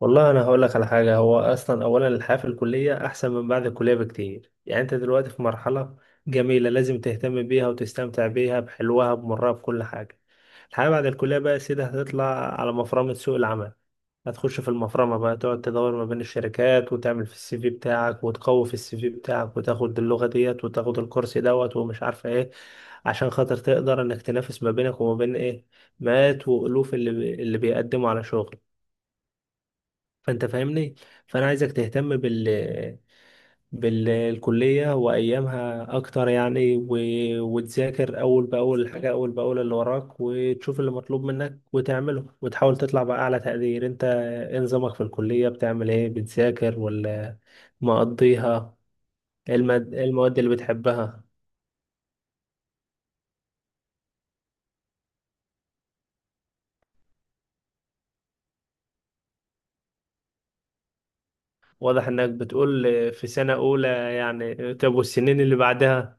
والله انا هقول لك على حاجه. هو اصلا اولا الحياه في الكليه احسن من بعد الكليه بكتير، يعني انت دلوقتي في مرحله جميله لازم تهتم بيها وتستمتع بيها بحلوها بمرها بكل حاجه. الحياه بعد الكليه بقى يا سيدي هتطلع على مفرمه سوق العمل. هتخش في المفرمه بقى، تقعد تدور ما بين الشركات وتعمل في السي في بتاعك وتقوي في السي في بتاعك وتاخد اللغه ديت وتاخد الكورس دوت ومش عارفه ايه، عشان خاطر تقدر انك تنافس ما بينك وما بين ايه، مئات والوف اللي بيقدموا على شغل. فانت فاهمني. فانا عايزك تهتم بالكلية وأيامها أكتر يعني وتذاكر أول بأول الحاجة، أول بأول اللي وراك، وتشوف اللي مطلوب منك وتعمله وتحاول تطلع بأعلى تقدير. أنت إيه نظامك في الكلية؟ بتعمل إيه؟ بتذاكر ولا مقضيها؟ إيه المواد اللي بتحبها؟ واضح إنك بتقول في سنة أولى، يعني طب والسنين اللي بعدها؟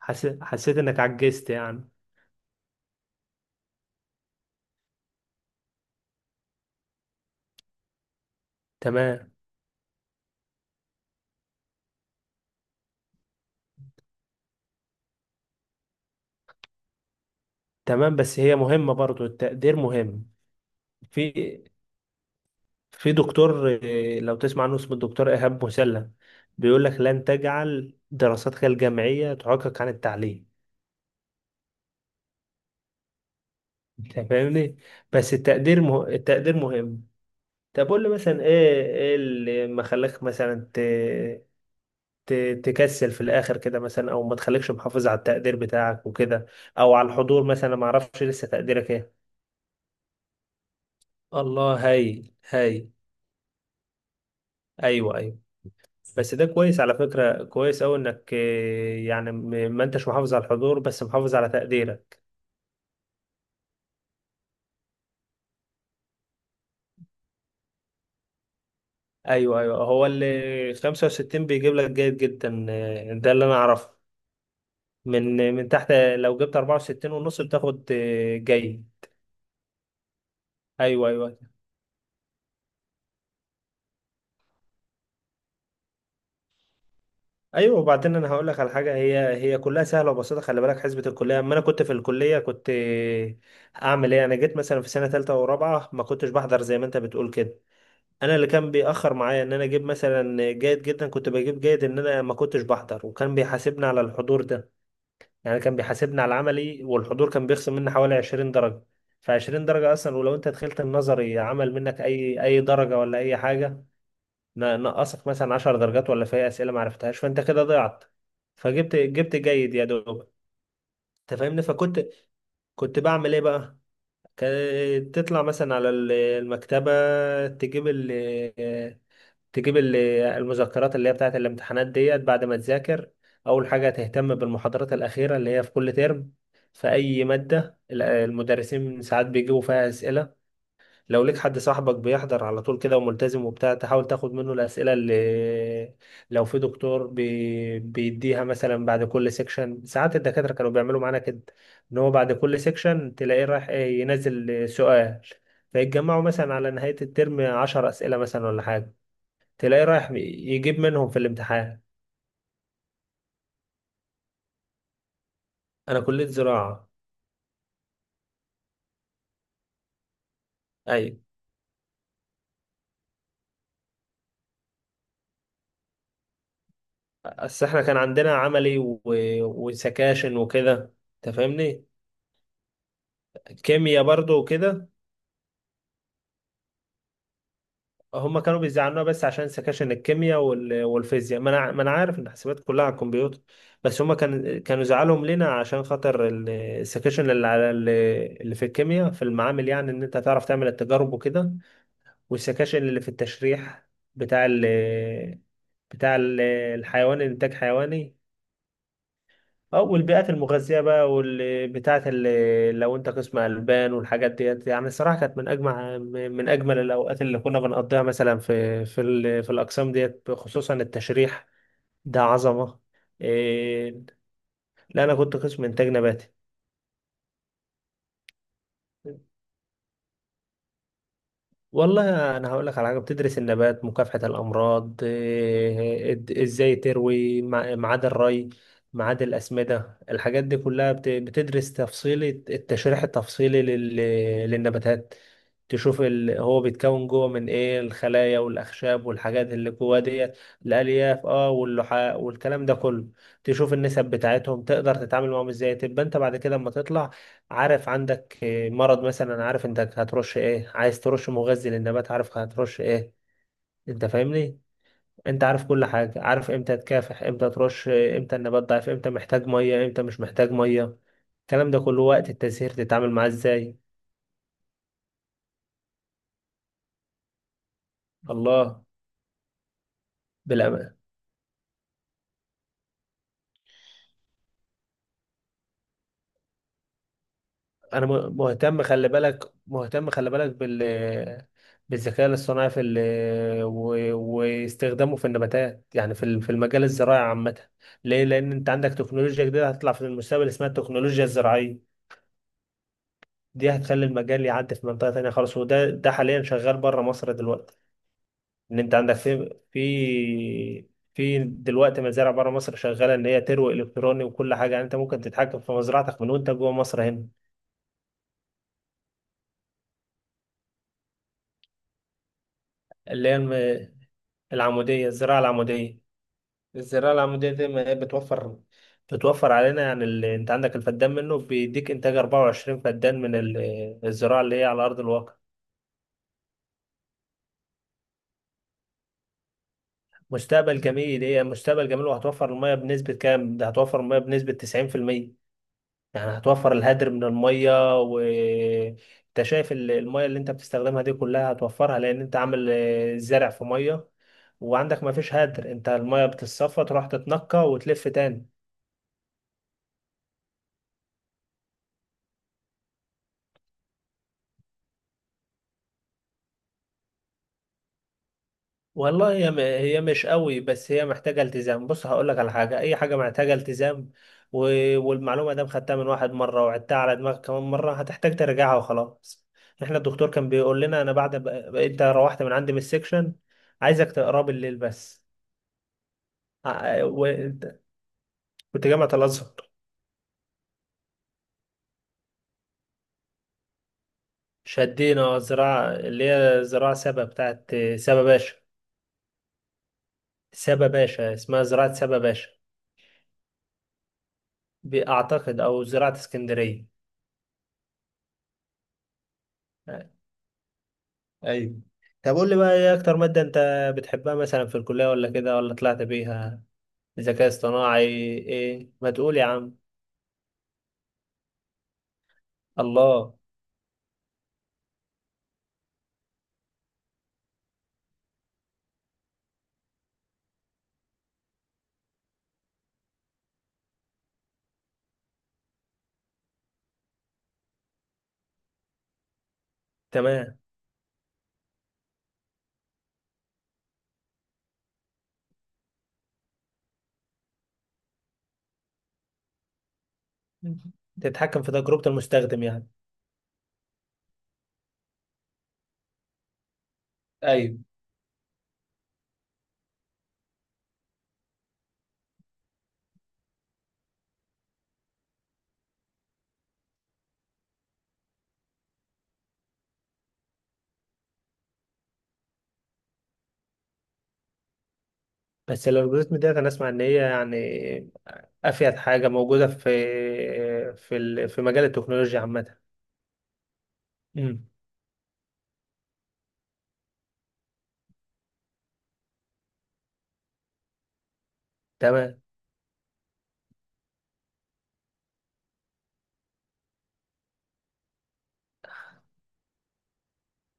حسيت إنك عجزت يعني؟ تمام تمام، بس هي مهمة برضو، التقدير مهم. في في دكتور، لو تسمع عنه اسمه الدكتور إيهاب مسلم، بيقول لك لن تجعل دراستك الجامعية تعوقك عن التعليم. انت فاهمني. بس التقدير مهم. طب قول لي مثلا ايه اللي ما خلاك مثلا ت... تكسل في الاخر كده مثلا، او ما تخليكش محافظ على التقدير بتاعك وكده، او على الحضور مثلا، ما اعرفش لسه تقديرك ايه. الله، هايل هايل. ايوه ايوه، بس ده كويس على فكرة، كويس أوي إنك يعني ما أنتش محافظ على الحضور بس محافظ على تقديرك. أيوه أيوه، هو اللي 65 بيجيب لك جيد جدا، ده اللي أنا أعرفه. من تحت لو جبت 64 ونص بتاخد جيد. أيوه أيوه أيوه، وبعدين أنا هقول لك على حاجة، هي كلها سهلة وبسيطة، خلي بالك حسبة الكلية. أما أنا كنت في الكلية كنت أعمل إيه. أنا جيت مثلا في سنة تالتة ورابعة ما كنتش بحضر زي ما أنت بتقول كده. انا اللي كان بيأخر معايا ان انا اجيب مثلا جيد جدا، كنت بجيب جيد، ان انا ما كنتش بحضر، وكان بيحاسبني على الحضور ده. يعني كان بيحاسبني على العملي، والحضور كان بيخصم مني حوالي 20 درجة. ف 20 درجة اصلا، ولو انت دخلت النظري عمل منك اي درجة ولا اي حاجة. نقصك مثلا 10 درجات، ولا في اسئلة ما عرفتهاش فانت كده ضيعت. فجبت جيد يا دوب. انت فاهمني. فكنت بعمل ايه بقى؟ كانت تطلع مثلا على المكتبة، تجيب تجيب المذكرات اللي هي بتاعت الامتحانات ديت بعد ما تذاكر. أول حاجة تهتم بالمحاضرات الأخيرة اللي هي في كل ترم في أي مادة، المدرسين ساعات بيجيبوا فيها أسئلة. لو ليك حد صاحبك بيحضر على طول كده وملتزم وبتاع، تحاول تاخد منه الأسئلة اللي لو في دكتور بيديها مثلا بعد كل سيكشن. ساعات الدكاترة كانوا بيعملوا معانا كده، إن هو بعد كل سيكشن تلاقيه رايح ينزل سؤال، فيتجمعوا مثلا على نهاية الترم 10 أسئلة مثلا ولا حاجة، تلاقيه رايح يجيب منهم في الامتحان. انا كلية زراعة. ايوه، بس احنا كان عندنا عملي وسكاشن وكده. انت فاهمني، كيمياء برضو وكده. هما كانوا بيزعلونا بس عشان سكاشن الكيمياء والفيزياء، ما انا عارف ان الحسابات كلها على الكمبيوتر. بس هما كانوا زعلهم لنا عشان خاطر السكاشن اللي على اللي في الكيمياء في المعامل، يعني ان انت تعرف تعمل التجارب وكده. والسكاشن اللي في التشريح بتاع ال... بتاع ال- الحيوان، الانتاج حيواني. اه، والبيئات المغذية بقى، واللي بتاعت اللي لو انت قسم ألبان والحاجات ديت، يعني الصراحة كانت من أجمل الأوقات اللي كنا بنقضيها مثلا في الأقسام ديت، خصوصا التشريح ده عظمة. إيه؟ لا أنا كنت قسم إنتاج نباتي. والله انا هقول لك على حاجه، بتدرس النبات، مكافحه الامراض، ازاي تروي، ميعاد الري، ميعاد الاسمده، الحاجات دي كلها بتدرس تفصيل، التشريح التفصيلي للنباتات، تشوف هو بيتكون جوه من ايه، الخلايا والاخشاب والحاجات اللي جوه ديت. الالياف، اه، واللحاء والكلام ده كله. تشوف النسب بتاعتهم تقدر تتعامل معاهم ازاي، تبقى انت بعد كده اما تطلع عارف عندك مرض مثلا، عارف انت هترش ايه، عايز ترش مغذي للنبات عارف هترش ايه. انت فاهمني. انت عارف كل حاجة، عارف امتى تكافح، امتى ترش امتى النبات ضعيف، امتى محتاج مية، امتى مش محتاج مية، الكلام ده كله وقت التزهير تتعامل معاه ازاي. الله. بالأم... انا مهتم خلي بالك، مهتم خلي بالك بالذكاء الاصطناعي في و... واستخدامه في النباتات، يعني في في المجال الزراعي عامة. ليه؟ لان انت عندك تكنولوجيا جديدة هتطلع في المستقبل اسمها التكنولوجيا الزراعية، دي هتخلي المجال يعدي في منطقة تانية خالص، وده حاليا شغال بره مصر دلوقتي. ان انت عندك في دلوقتي مزارع بره مصر شغالة، ان هي تروي الكتروني وكل حاجة، يعني انت ممكن تتحكم في مزرعتك من وانت جوه مصر هنا. اللي هي العمودية، الزراعة العمودية. الزراعة العمودية دي ما هي بتوفر علينا يعني انت عندك الفدان منه بيديك انتاج 24 فدان من الزراعة اللي هي على أرض الواقع. مستقبل جميل، هي مستقبل جميل، وهتوفر المية بنسبة كام؟ ده هتوفر المية بنسبة 90%، يعني هتوفر الهدر من المية. و انت شايف المية اللي انت بتستخدمها دي كلها هتوفرها، لأن انت عامل زرع في مية، وعندك ما فيش هدر، انت المية بتتصفى تروح تتنقى وتلف تاني. والله هي هي مش قوي، بس هي محتاجة التزام. بص هقول لك على حاجة، أي حاجة محتاجة التزام و... والمعلومة دام خدتها من واحد مرة وعدتها على دماغك كمان مرة هتحتاج ترجعها وخلاص. احنا الدكتور كان بيقول لنا أنا بعد أنت روحت من عندي من السكشن عايزك تقراه بالليل بس. وأنت كنت جامعة الأزهر. شدينا زراعة اللي هي زراعة سبا بتاعت سبا باشا. سبا باشا، اسمها زراعة سبا باشا، بأعتقد أو زراعة اسكندرية. ايوه. طب قول لي بقى ايه اكتر مادة انت بتحبها مثلا في الكلية ولا كده ولا طلعت بيها؟ ذكاء اصطناعي؟ ايه ما تقول يا عم. الله. تمام، تتحكم في تجربة المستخدم يعني. ايوه، بس الالجوريزم ديت انا اسمع ان هي يعني افيد حاجة موجودة في مجال التكنولوجيا عامة. امم. تمام.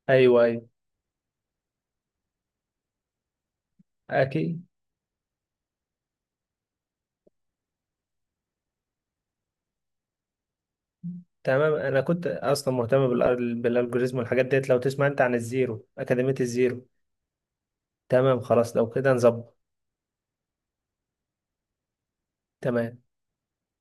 ايوه ايوه. اكيد. تمام، انا كنت اصلا مهتم بالالجوريزم والحاجات ديت، لو تسمع انت عن الزيرو، اكاديمية الزيرو. تمام خلاص، لو كده نظبط. تمام.